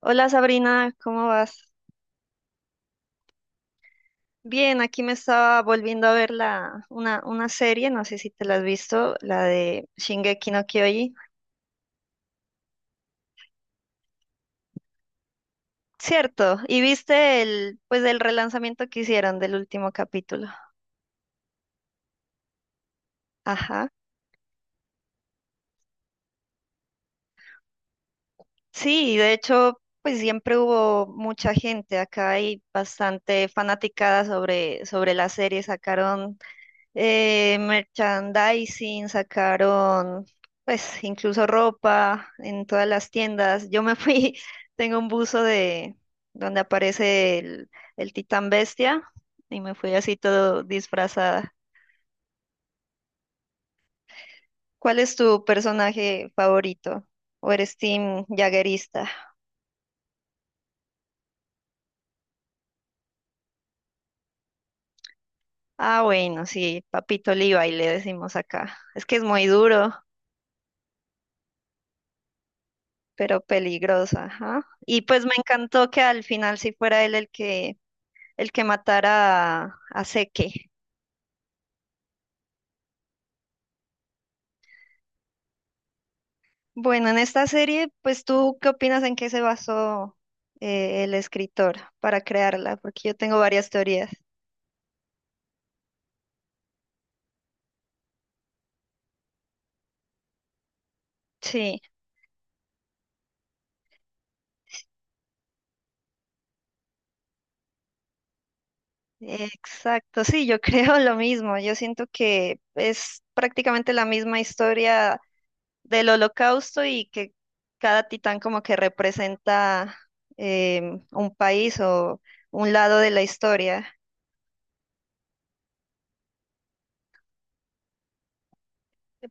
Hola Sabrina, ¿cómo vas? Bien, aquí me estaba volviendo a ver una serie, no sé si te la has visto, la de Shingeki no Kyojin. Cierto, y viste pues el relanzamiento que hicieron del último capítulo. Ajá. Sí, de hecho, pues siempre hubo mucha gente, acá hay bastante fanaticada sobre la serie, sacaron merchandising, sacaron pues incluso ropa en todas las tiendas. Yo me fui, tengo un buzo de donde aparece el Titán Bestia y me fui así todo disfrazada. ¿Cuál es tu personaje favorito? ¿O eres team jaguerista? Ah, bueno, sí, Papito Levi le decimos acá. Es que es muy duro, pero peligrosa, ajá. Y pues me encantó que al final sí fuera él el que matara a Seke. Bueno, en esta serie, pues tú, ¿qué opinas en qué se basó el escritor para crearla? Porque yo tengo varias teorías. Sí, exacto, sí, yo creo lo mismo. Yo siento que es prácticamente la misma historia del Holocausto y que cada titán como que representa un país o un lado de la historia.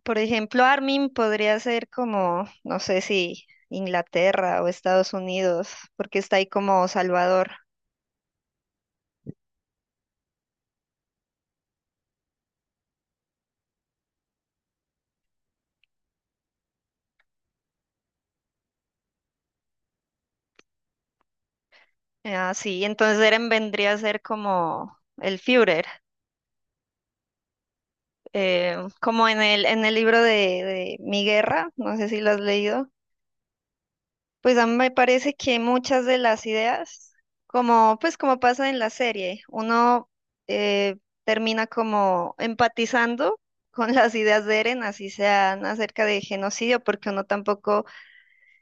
Por ejemplo, Armin podría ser como, no sé si Inglaterra o Estados Unidos, porque está ahí como Salvador. Ah, sí, entonces Eren vendría a ser como el Führer, como en en el libro de Mi Guerra, no sé si lo has leído. Pues a mí me parece que muchas de las ideas, como pues como pasa en la serie, uno eh, termina como empatizando con las ideas de Eren, así sean acerca de genocidio, porque uno tampoco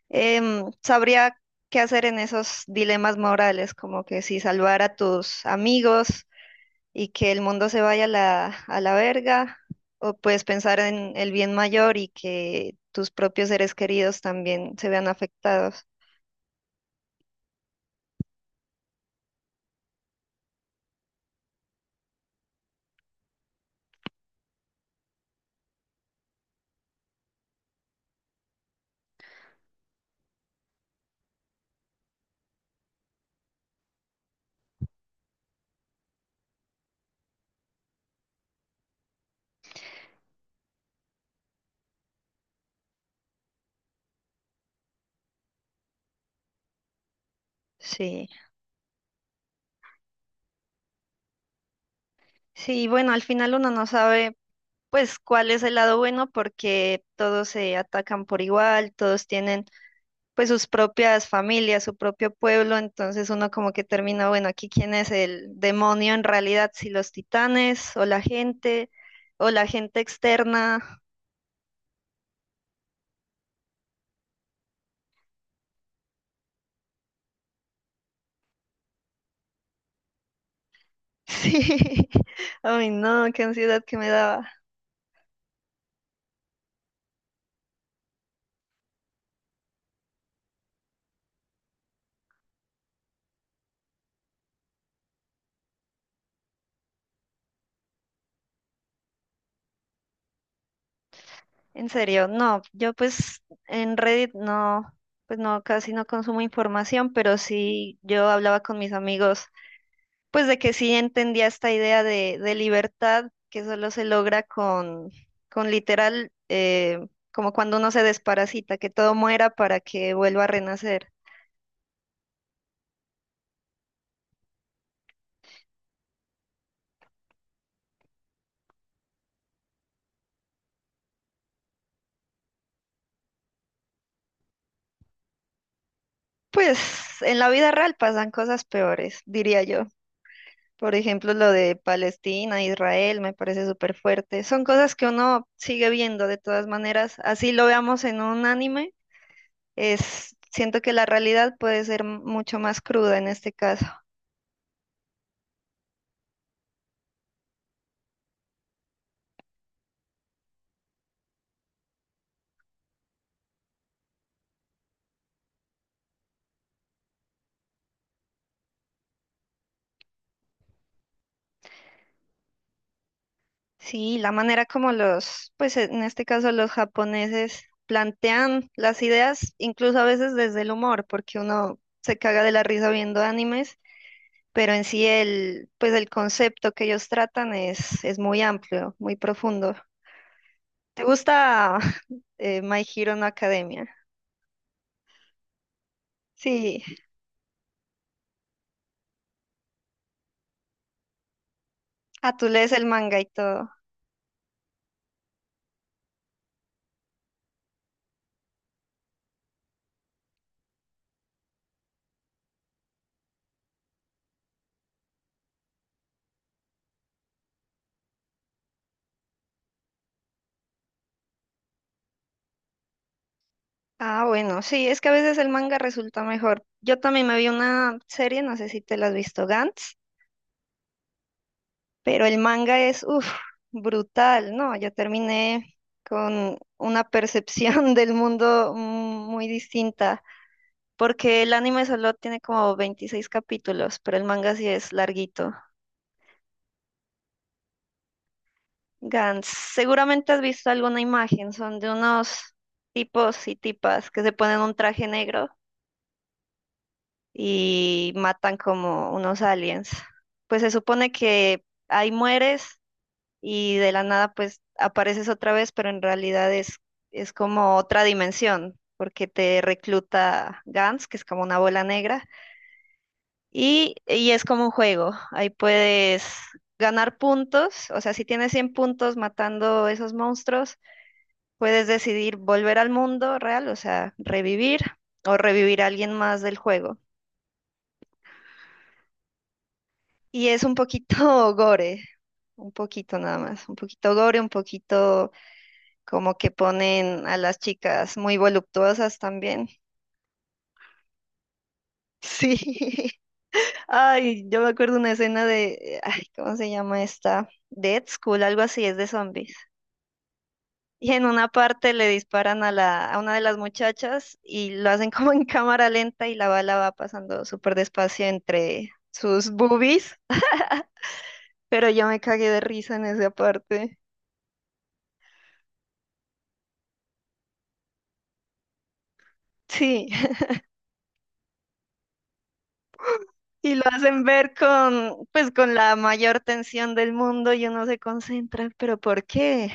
sabría qué hacer en esos dilemas morales, como que si salvar a tus amigos y que el mundo se vaya a a la verga, o puedes pensar en el bien mayor y que tus propios seres queridos también se vean afectados. Sí. Sí, bueno, al final uno no sabe pues cuál es el lado bueno porque todos se atacan por igual, todos tienen pues sus propias familias, su propio pueblo, entonces uno como que termina, bueno, aquí quién es el demonio en realidad, si los titanes o la gente externa. Sí, ay no, qué ansiedad que me daba. En serio, no, yo pues en Reddit no, pues no, casi no consumo información, pero sí yo hablaba con mis amigos pues de que sí entendía esta idea de libertad que solo se logra con literal, como cuando uno se desparasita, que todo muera para que vuelva a renacer. Pues en la vida real pasan cosas peores, diría yo. Por ejemplo, lo de Palestina, Israel, me parece súper fuerte. Son cosas que uno sigue viendo de todas maneras. Así lo veamos en un anime, es, siento que la realidad puede ser mucho más cruda en este caso. Sí, la manera como los, pues en este caso los japoneses plantean las ideas, incluso a veces desde el humor, porque uno se caga de la risa viendo animes, pero en sí pues el concepto que ellos tratan es muy amplio, muy profundo. ¿Te gusta My Hero no Academia? Sí, ah, tú lees el manga y todo. Ah, bueno, sí, es que a veces el manga resulta mejor. Yo también me vi una serie, no sé si te la has visto, Gantz. Pero el manga es, uff, brutal, ¿no? Yo terminé con una percepción del mundo muy distinta, porque el anime solo tiene como 26 capítulos, pero el manga sí es larguito. Gans, seguramente has visto alguna imagen, son de unos tipos y tipas que se ponen un traje negro y matan como unos aliens. Pues se supone que ahí mueres y de la nada pues apareces otra vez, pero en realidad es como otra dimensión, porque te recluta Gans, que es como una bola negra, y es como un juego, ahí puedes ganar puntos, o sea, si tienes 100 puntos matando esos monstruos, puedes decidir volver al mundo real, o sea, revivir o revivir a alguien más del juego. Y es un poquito gore, un poquito nada más, un poquito gore, un poquito como que ponen a las chicas muy voluptuosas también. Sí. Ay, yo me acuerdo una escena de, ay, ¿cómo se llama esta? Dead School, algo así, es de zombies. Y en una parte le disparan a la, a una de las muchachas y lo hacen como en cámara lenta y la bala va pasando súper despacio entre sus boobies, pero yo me cagué de risa en esa parte. Sí. Y lo hacen ver con, pues, con la mayor tensión del mundo y uno se concentra, pero ¿por qué?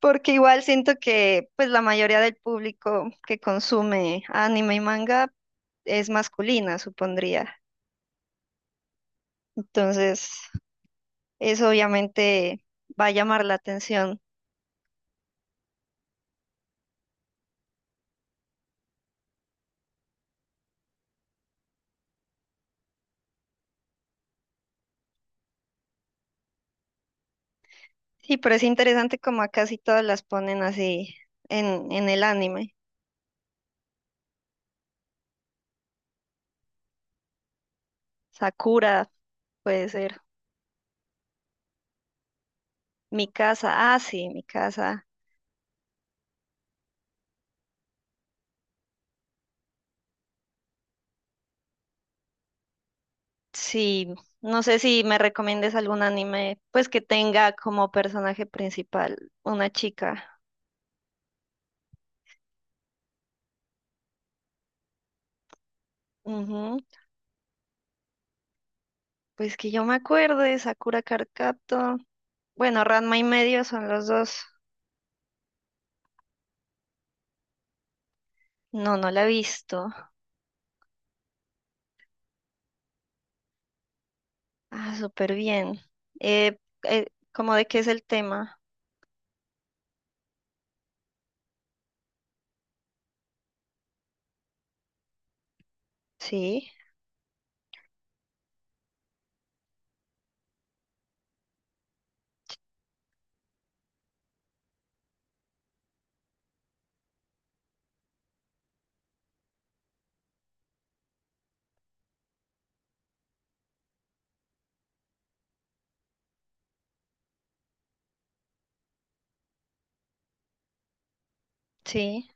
Porque igual siento que pues la mayoría del público que consume anime y manga es masculina, supondría. Entonces, eso obviamente va a llamar la atención. Sí, pero es interesante como a casi todas las ponen así en el anime. Sakura puede ser. Mi casa, ah, sí, mi casa. Sí, no sé si me recomiendes algún anime pues que tenga como personaje principal una chica. Pues que yo me acuerdo Sakura Card Captor. Bueno, Ranma y medio son los dos. No, no la he visto. Ah, súper bien. Eh, eh, ¿Cómo de qué es el tema? Sí, sí,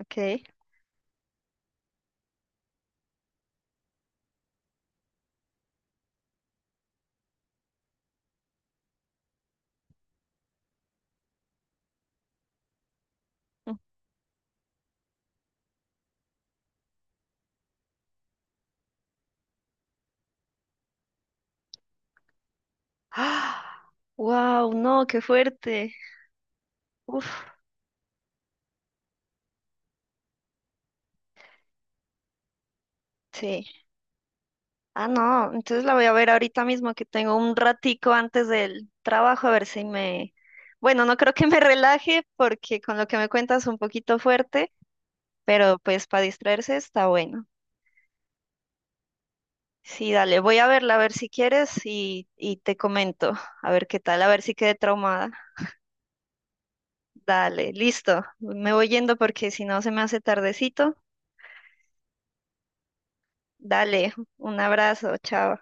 ok. Mm. ¡Ah! ¡Wow! No, qué fuerte. Uf, sí. Ah, no, entonces la voy a ver ahorita mismo que tengo un ratico antes del trabajo a ver si me... Bueno, no creo que me relaje porque con lo que me cuentas un poquito fuerte, pero pues para distraerse está bueno. Sí, dale, voy a verla, a ver si quieres y te comento, a ver qué tal, a ver si quedé traumada. Dale, listo, me voy yendo porque si no se me hace tardecito. Dale, un abrazo, chao.